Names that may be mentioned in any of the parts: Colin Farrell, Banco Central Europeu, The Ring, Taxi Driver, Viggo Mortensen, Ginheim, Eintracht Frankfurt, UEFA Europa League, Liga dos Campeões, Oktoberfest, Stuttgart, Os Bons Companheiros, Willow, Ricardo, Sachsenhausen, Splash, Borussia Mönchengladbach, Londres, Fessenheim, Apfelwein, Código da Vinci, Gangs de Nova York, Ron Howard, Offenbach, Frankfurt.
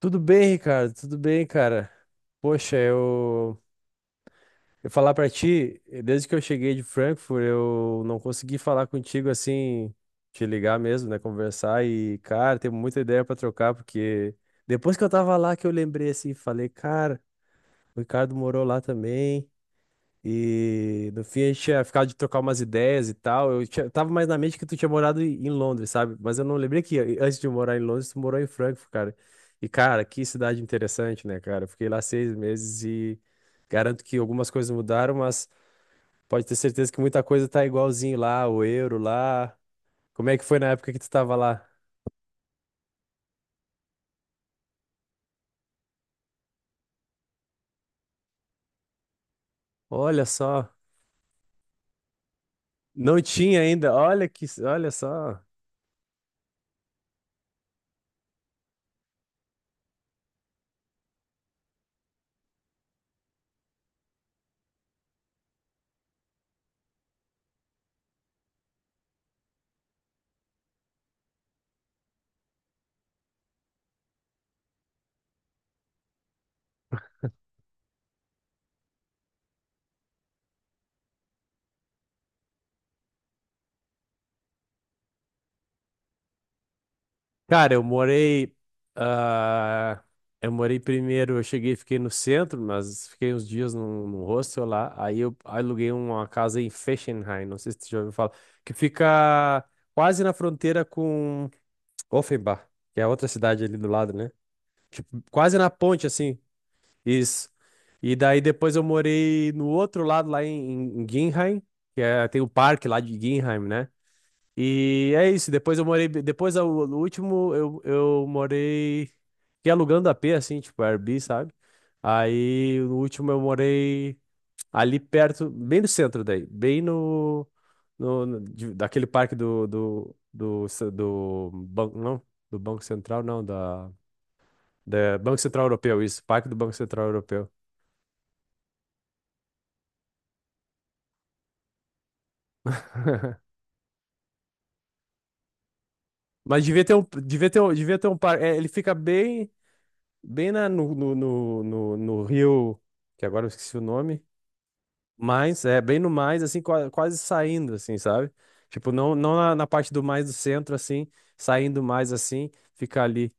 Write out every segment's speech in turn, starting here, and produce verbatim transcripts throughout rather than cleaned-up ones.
Tudo bem, Ricardo? Tudo bem, cara? Poxa, eu, eu falar pra ti, desde que eu cheguei de Frankfurt, eu não consegui falar contigo assim, te ligar mesmo, né? Conversar e, cara, tem muita ideia pra trocar, porque depois que eu tava lá que eu lembrei assim, falei, cara, o Ricardo morou lá também. E no fim a gente tinha ficado de trocar umas ideias e tal. Eu tinha- tava mais na mente que tu tinha morado em em Londres, sabe? Mas eu não lembrei que eh, antes de morar em Londres, tu morou em Frankfurt, cara. E, cara, que cidade interessante, né, cara? Eu fiquei lá seis meses e garanto que algumas coisas mudaram, mas pode ter certeza que muita coisa tá igualzinho lá, o euro lá. Como é que foi na época que tu tava lá? Olha só, não tinha ainda. Olha que, olha só. Cara, eu morei. ah, eu morei primeiro, eu cheguei, e fiquei no centro, mas fiquei uns dias num, num hostel lá. Aí eu aluguei uma casa em Fessenheim, não sei se você já ouviu falar, que fica quase na fronteira com Offenbach, que é outra cidade ali do lado, né? Quase na ponte, assim. Isso. E daí depois eu morei no outro lado, lá em, em Ginheim, que é, tem o parque lá de Ginheim, né? E é isso. Depois eu morei. Depois, o último, eu, eu morei. Fiquei alugando a AP, assim, tipo, Airbnb, sabe? Aí, no último, eu morei ali perto, bem no centro daí. Bem no. no, no- de- Daquele parque do. Do. Do. Ce- do banco, não? Do Banco Central, não. Da, da. Banco Central Europeu, isso. Parque do Banco Central Europeu. Mas devia ter um. Devia ter um, devia ter um parque. É, ele fica bem. Bem na, no, no, no, no No Rio. Que agora eu esqueci o nome. Mas, é, bem no mais, assim, qua- quase saindo, assim, sabe? Tipo, não, não na, na parte do mais do centro, assim, saindo mais, assim, fica ali.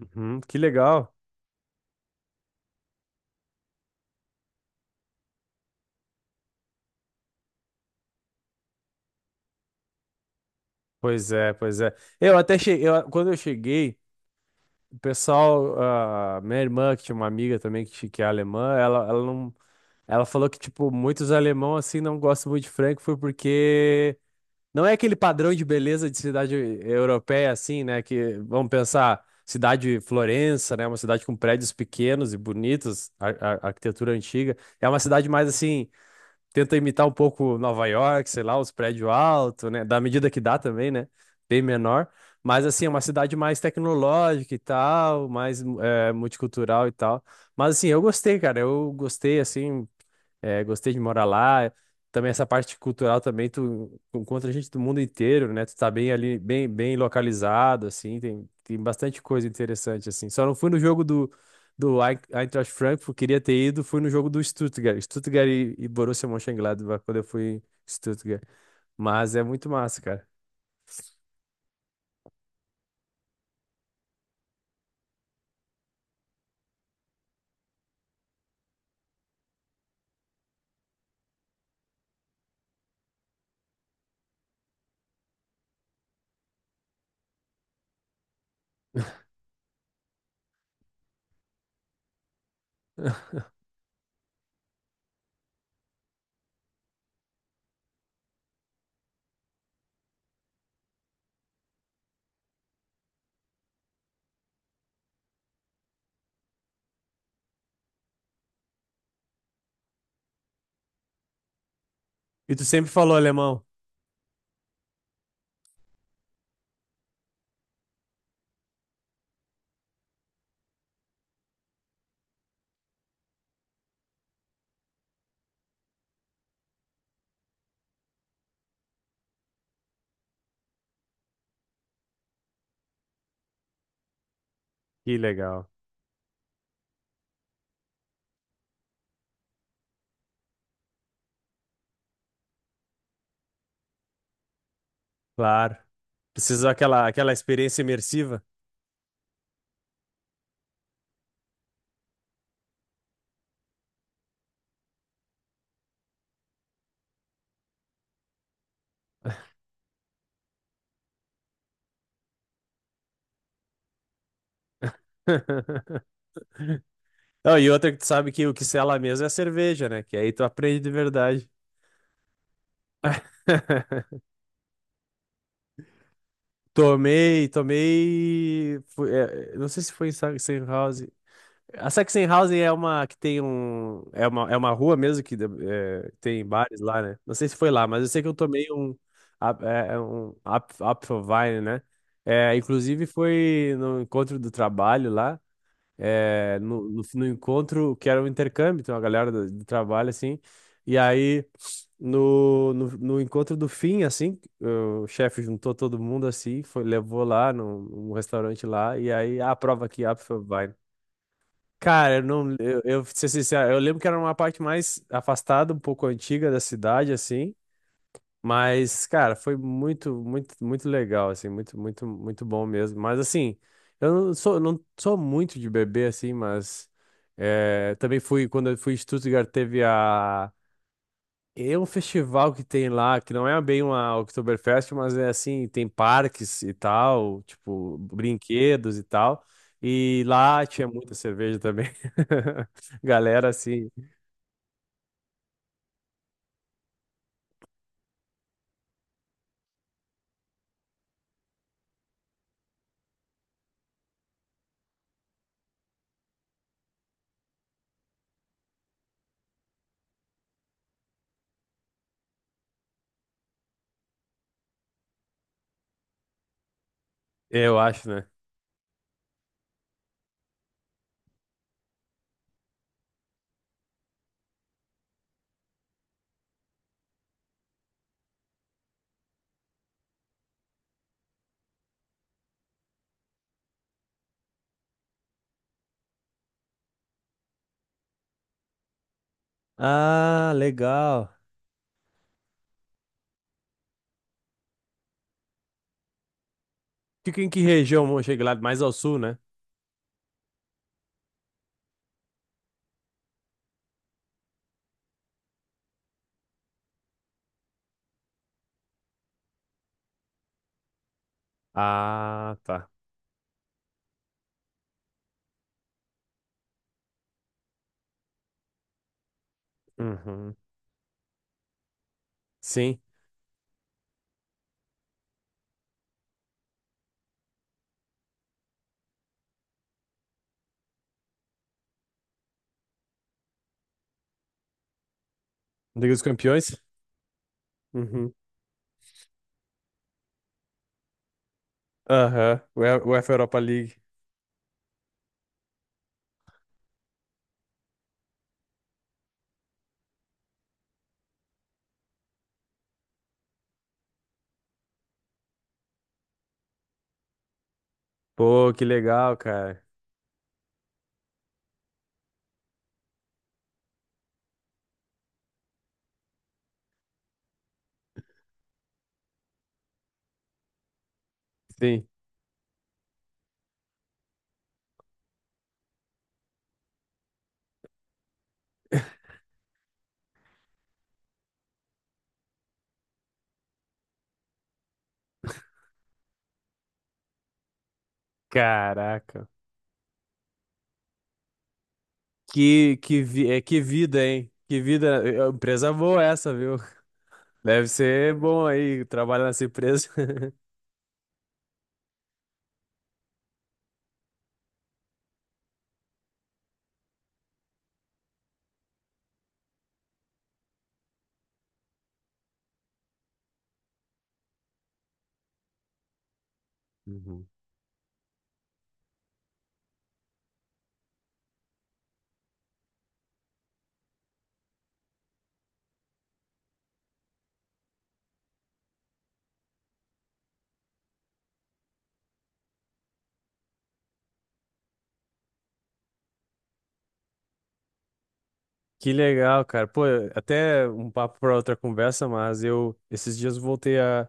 Uhum, que legal. Pois é, pois é. Eu até cheguei, eu- Quando eu cheguei, o pessoal, ah, minha irmã, que tinha uma amiga também que, che- que é alemã, ela, ela não, ela falou que, tipo, muitos alemão, assim, não gostam muito de frango, foi porque não é aquele padrão de beleza de cidade europeia, assim, né? Que vamos pensar, cidade Florença, né? Uma cidade com prédios pequenos e bonitos, ar- ar- arquitetura antiga. É uma cidade mais assim, tenta imitar um pouco Nova York, sei lá, os prédios altos, né? Da medida que dá também, né? Bem menor. Mas assim, é uma cidade mais tecnológica e tal, mais eh, multicultural e tal. Mas assim, eu gostei, cara. Eu gostei, assim, é, gostei de morar lá. Também essa parte cultural também, tu encontra gente do mundo inteiro, né? Tu tá bem ali, bem, bem localizado, assim, tem, tem bastante coisa interessante, assim. Só não fui no jogo do, do Ein- Eintracht Frankfurt, queria ter ido, fui no jogo do Stuttgart. Stuttgart e, e Borussia Mönchengladbach, quando eu fui em Stuttgart. Mas é muito massa, cara. E tu sempre falou alemão. Que legal. Claro. Precisou aquela, aquela experiência imersiva. Não, e outra que tu sabe que o que sela mesmo é a cerveja, né? Que aí tu aprende de verdade. Tomei, tomei. fui- é, é, não sei se foi em Sachsenhausen. A Sachsenhausen é uma que tem um. É uma, é uma rua mesmo que é, tem bares lá, né? Não sei se foi lá, mas eu sei que eu tomei um. ap- É, é um Ap- Apfelwein, né? É, inclusive foi no encontro do trabalho lá. é, no, no, no encontro que era um intercâmbio, então a galera do, do trabalho, assim, e aí no, no, no encontro do fim, assim, o chefe juntou todo mundo, assim, foi, levou lá num, num restaurante lá, e aí, ah, prova aqui, ah, professor, vai. Cara, eu não, eu, eu, pra ser sincero, eu lembro que era uma parte mais afastada, um pouco antiga da cidade, assim, mas, cara, foi muito, muito, muito legal, assim, muito, muito, muito bom mesmo. Mas, assim, eu não sou, não sou muito de beber, assim, mas eh, também fui, quando eu fui em Stuttgart, teve a... É um festival que tem lá, que não é bem uma Oktoberfest, mas é assim, tem parques e tal, tipo, brinquedos e tal. E lá tinha muita cerveja também. Galera, assim, eu acho, né? Ah, legal. Fica em que região, Mönchengladbach? Mais ao sul, né? Ah, tá. Uhum. Sim. Liga dos Campeões? Uhum. Aham. Ue- UEFA Europa League. Pô, que legal, cara. Sim. Caraca. Que, que, vi- é, que vida, hein? Que vida. É, empresa boa essa, viu? Deve ser bom aí trabalhar nessa empresa. Uhum. Que legal, cara. Pô, até um papo para outra conversa, mas eu esses dias voltei a,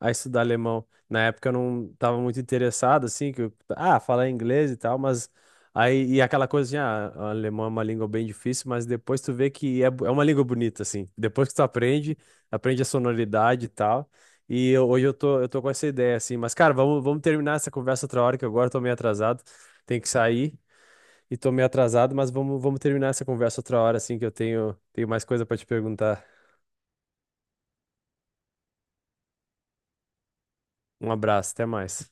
a estudar alemão. Na época eu não tava muito interessado, assim, que eu, ah, falar inglês e tal, mas aí, e aquela coisa assim, ah, o alemão é uma língua bem difícil, mas depois tu vê que é, bo- é uma língua bonita, assim. Depois que tu aprende, aprende a sonoridade e tal. E eu- hoje eu tô, eu tô com essa ideia, assim. Mas, cara, vamos, vamos terminar essa conversa outra hora, que agora eu tô meio atrasado, tem que sair e tô meio atrasado, mas vamos, vamos terminar essa conversa outra hora, assim, que eu tenho, tenho mais coisa pra te perguntar. Um abraço, até mais.